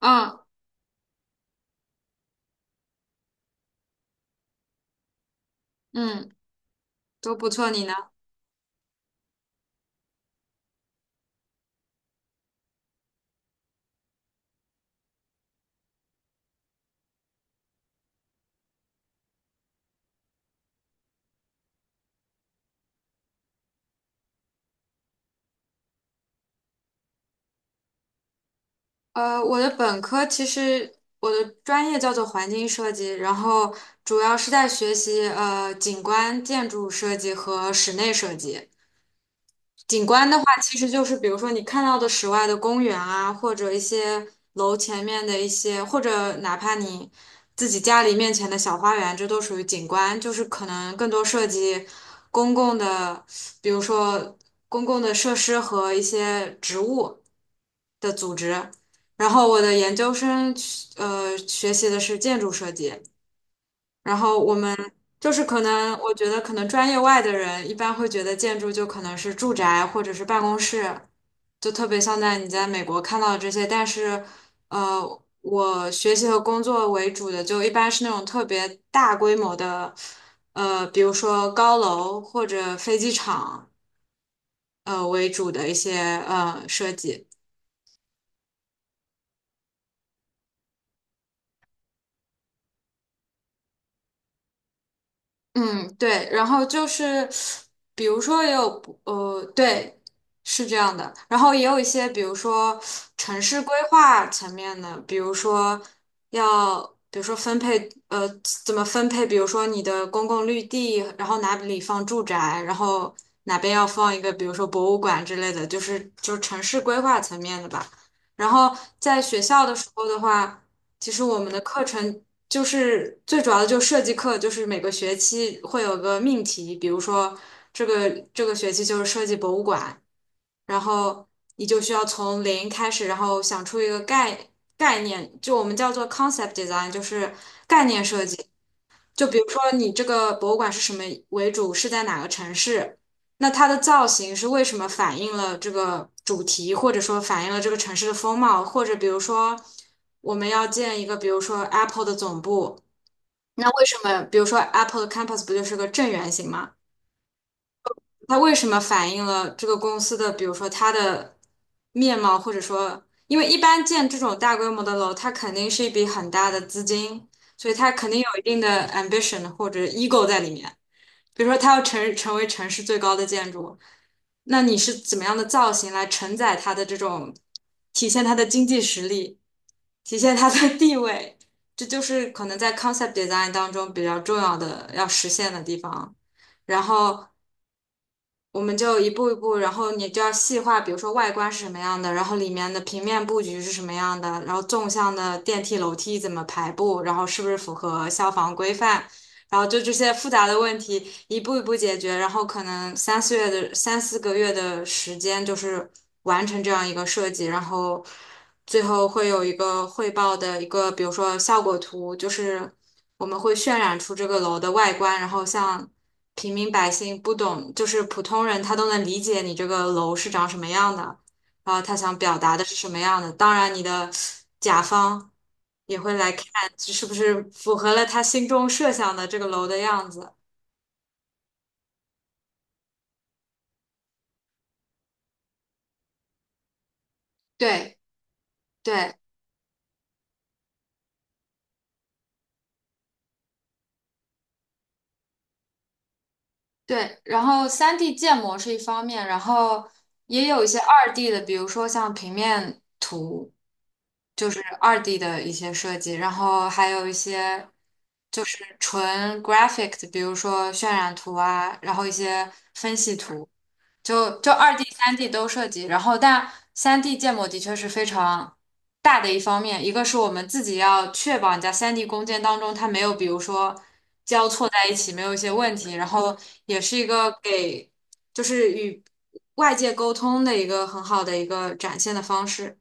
嗯嗯，都不错。你呢？我的本科其实我的专业叫做环境设计，然后主要是在学习景观建筑设计和室内设计。景观的话，其实就是比如说你看到的室外的公园啊，或者一些楼前面的一些，或者哪怕你自己家里面前的小花园，这都属于景观。就是可能更多涉及公共的，比如说公共的设施和一些植物的组织。然后我的研究生去学习的是建筑设计，然后我们就是可能，我觉得可能专业外的人一般会觉得建筑就可能是住宅或者是办公室，就特别像在你在美国看到的这些。但是，我学习和工作为主的就一般是那种特别大规模的，比如说高楼或者飞机场，为主的一些设计。嗯，对，然后就是，比如说也有不呃，对，是这样的，然后也有一些，比如说城市规划层面的，比如说要，比如说分配，怎么分配，比如说你的公共绿地，然后哪里放住宅，然后哪边要放一个，比如说博物馆之类的，就是城市规划层面的吧。然后在学校的时候的话，其实我们的课程。就是最主要的，就设计课，就是每个学期会有个命题，比如说这个学期就是设计博物馆，然后你就需要从零开始，然后想出一个概念，就我们叫做 concept design,就是概念设计。就比如说你这个博物馆是什么为主，是在哪个城市，那它的造型是为什么反映了这个主题，或者说反映了这个城市的风貌，或者比如说我们要建一个，比如说 Apple 的总部。那为什么，比如说 Apple 的 Campus 不就是个正圆形吗？它为什么反映了这个公司的，比如说它的面貌，或者说，因为一般建这种大规模的楼，它肯定是一笔很大的资金，所以它肯定有一定的 ambition 或者 ego 在里面。比如说，它要成为城市最高的建筑，那你是怎么样的造型来承载它的这种，体现它的经济实力？体现它的 地位，这就是可能在 concept design 当中比较重要的要实现的地方。然后我们就一步一步，然后你就要细化，比如说外观是什么样的，然后里面的平面布局是什么样的，然后纵向的电梯楼梯怎么排布，然后是不是符合消防规范，然后就这些复杂的问题一步一步解决，然后可能三四个月的时间就是完成这样一个设计，然后最后会有一个汇报的一个，比如说效果图，就是我们会渲染出这个楼的外观，然后像平民百姓不懂，就是普通人他都能理解你这个楼是长什么样的。然后他想表达的是什么样的。当然，你的甲方也会来看，这是不是符合了他心中设想的这个楼的样子。对对对，然后三 d 建模是一方面，然后也有一些二 d 的，比如说像平面图，就是二 d 的一些设计，然后还有一些就是纯 graphic 的，比如说渲染图啊，然后一些分析图。就二 D、三 D 都涉及，然后但三 D 建模的确是非常大的一方面，一个是我们自己要确保你在三 D 工件当中它没有，比如说交错在一起，没有一些问题，然后也是一个给就是与外界沟通的一个很好的一个展现的方式。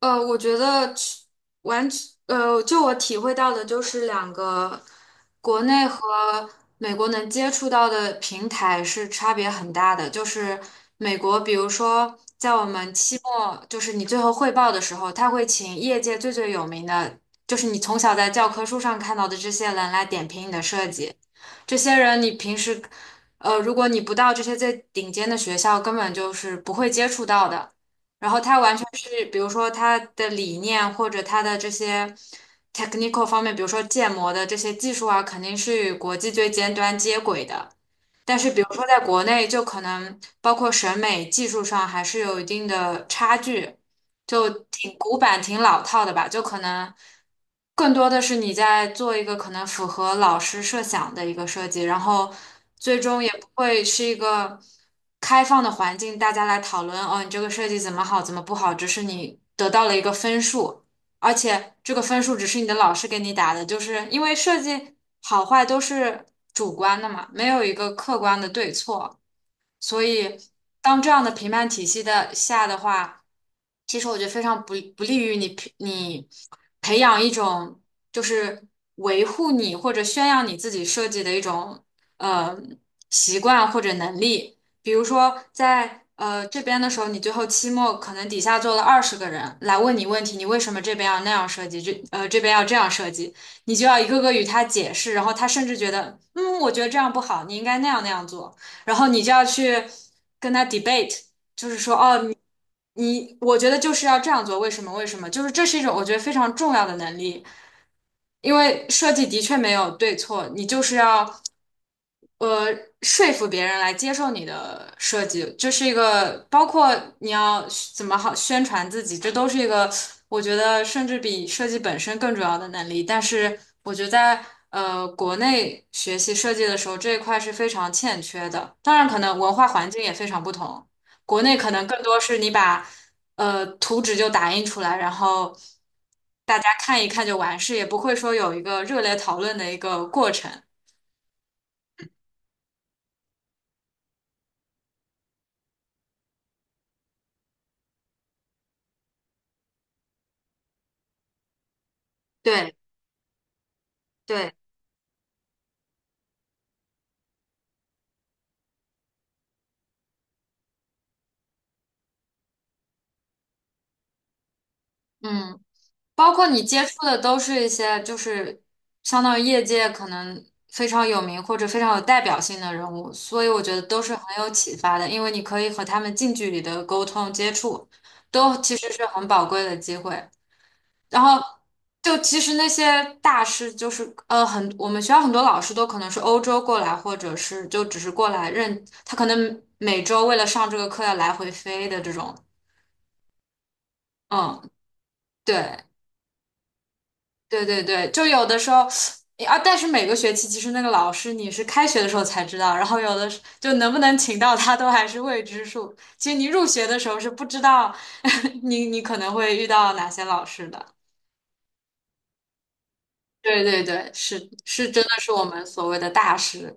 我觉得完全，就我体会到的，就是两个国内和美国能接触到的平台是差别很大的。就是美国，比如说在我们期末，就是你最后汇报的时候，他会请业界最最有名的，就是你从小在教科书上看到的这些人来点评你的设计。这些人你平时，如果你不到这些最顶尖的学校，根本就是不会接触到的。然后他完全是，比如说他的理念或者他的这些 technical 方面，比如说建模的这些技术啊，肯定是与国际最尖端接轨的。但是，比如说在国内，就可能包括审美技术上还是有一定的差距。就挺古板、挺老套的吧，就可能更多的是你在做一个可能符合老师设想的一个设计，然后最终也不会是一个开放的环境，大家来讨论哦，你这个设计怎么好，怎么不好，只是你得到了一个分数，而且这个分数只是你的老师给你打的，就是因为设计好坏都是主观的嘛，没有一个客观的对错。所以当这样的评判体系的下的话，其实我觉得非常不利于你培养一种就是维护你或者宣扬你自己设计的一种呃习惯或者能力。比如说在这边的时候，你最后期末可能底下坐了20个人来问你问题，你为什么这边要那样设计，这边要这样设计，你就要一个个与他解释，然后他甚至觉得，嗯，我觉得这样不好，你应该那样那样做。然后你就要去跟他 debate。你我觉得就是要这样做，为什么？为什么？就是这是一种我觉得非常重要的能力，因为设计的确没有对错，你就是要呃，说服别人来接受你的设计，这是一个包括你要怎么好宣传自己，这都是一个我觉得甚至比设计本身更重要的能力。但是我觉得在国内学习设计的时候，这一块是非常欠缺的。当然，可能文化环境也非常不同，国内可能更多是你把图纸就打印出来，然后大家看一看就完事，也不会说有一个热烈讨论的一个过程。对。对。嗯，包括你接触的都是一些就是相当于业界可能非常有名或者非常有代表性的人物，所以我觉得都是很有启发的，因为你可以和他们近距离的沟通接触，都其实是很宝贵的机会。然后就其实那些大师就是很，我们学校很多老师都可能是欧洲过来，或者是就只是过来认，他可能每周为了上这个课要来回飞的这种，嗯，对。对对对，就有的时候啊，但是每个学期其实那个老师你是开学的时候才知道，然后有的时就能不能请到他都还是未知数。其实你入学的时候是不知道 你可能会遇到哪些老师的。对对对，是是，真的是我们所谓的大师。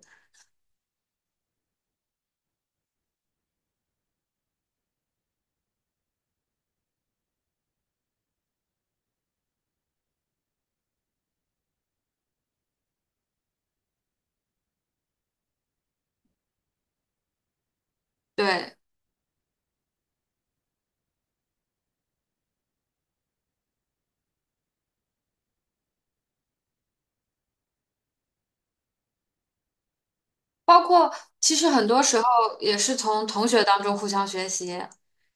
对，包括其实很多时候也是从同学当中互相学习，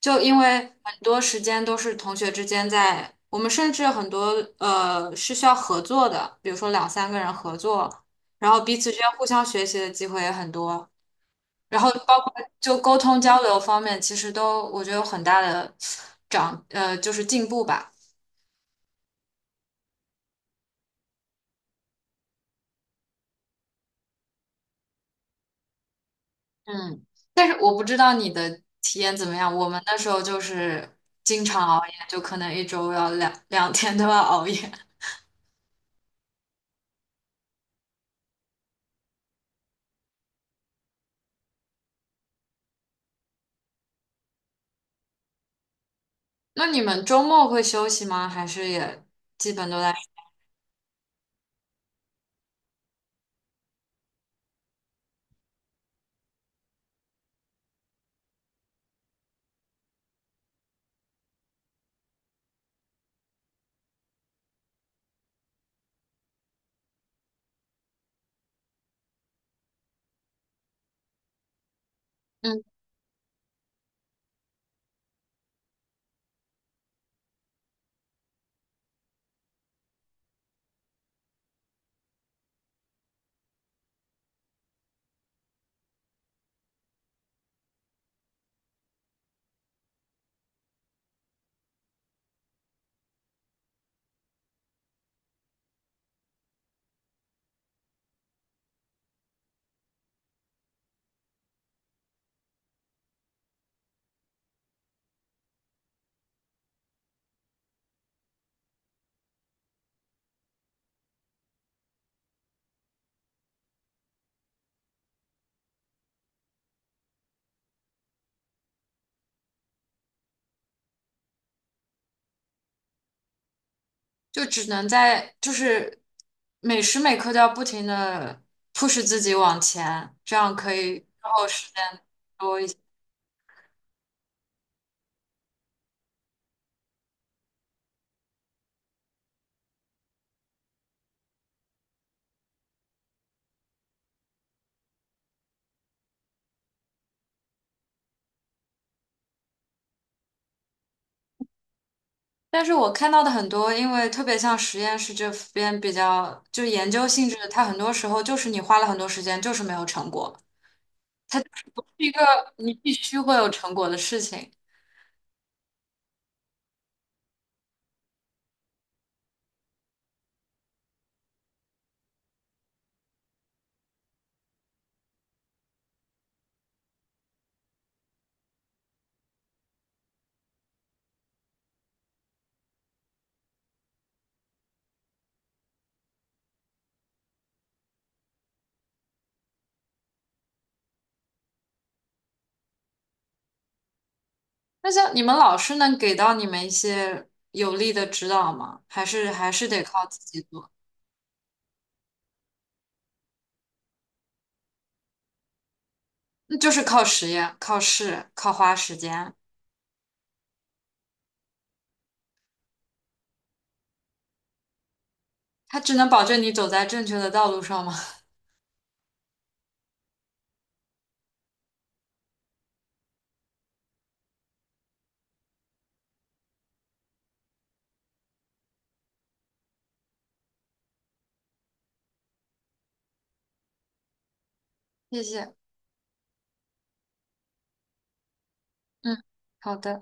就因为很多时间都是同学之间在，我们甚至很多是需要合作的，比如说两三个人合作，然后彼此之间互相学习的机会也很多，然后包括就沟通交流方面，其实都我觉得有很大的就是进步吧。嗯，但是我不知道你的体验怎么样。我们那时候就是经常熬夜，就可能一周要两天都要熬夜。那你们周末会休息吗？还是也基本都在？嗯，就只能在就是每时每刻都要不停的 push 自己往前，这样可以之后时间多一些。但是我看到的很多，因为特别像实验室这边比较就是研究性质的，它很多时候就是你花了很多时间，就是没有成果。它就是不是一个你必须会有成果的事情。那像你们老师能给到你们一些有力的指导吗？还是还是得靠自己做？那就是靠实验、靠试、靠花时间。它只能保证你走在正确的道路上吗？谢谢。嗯，好的。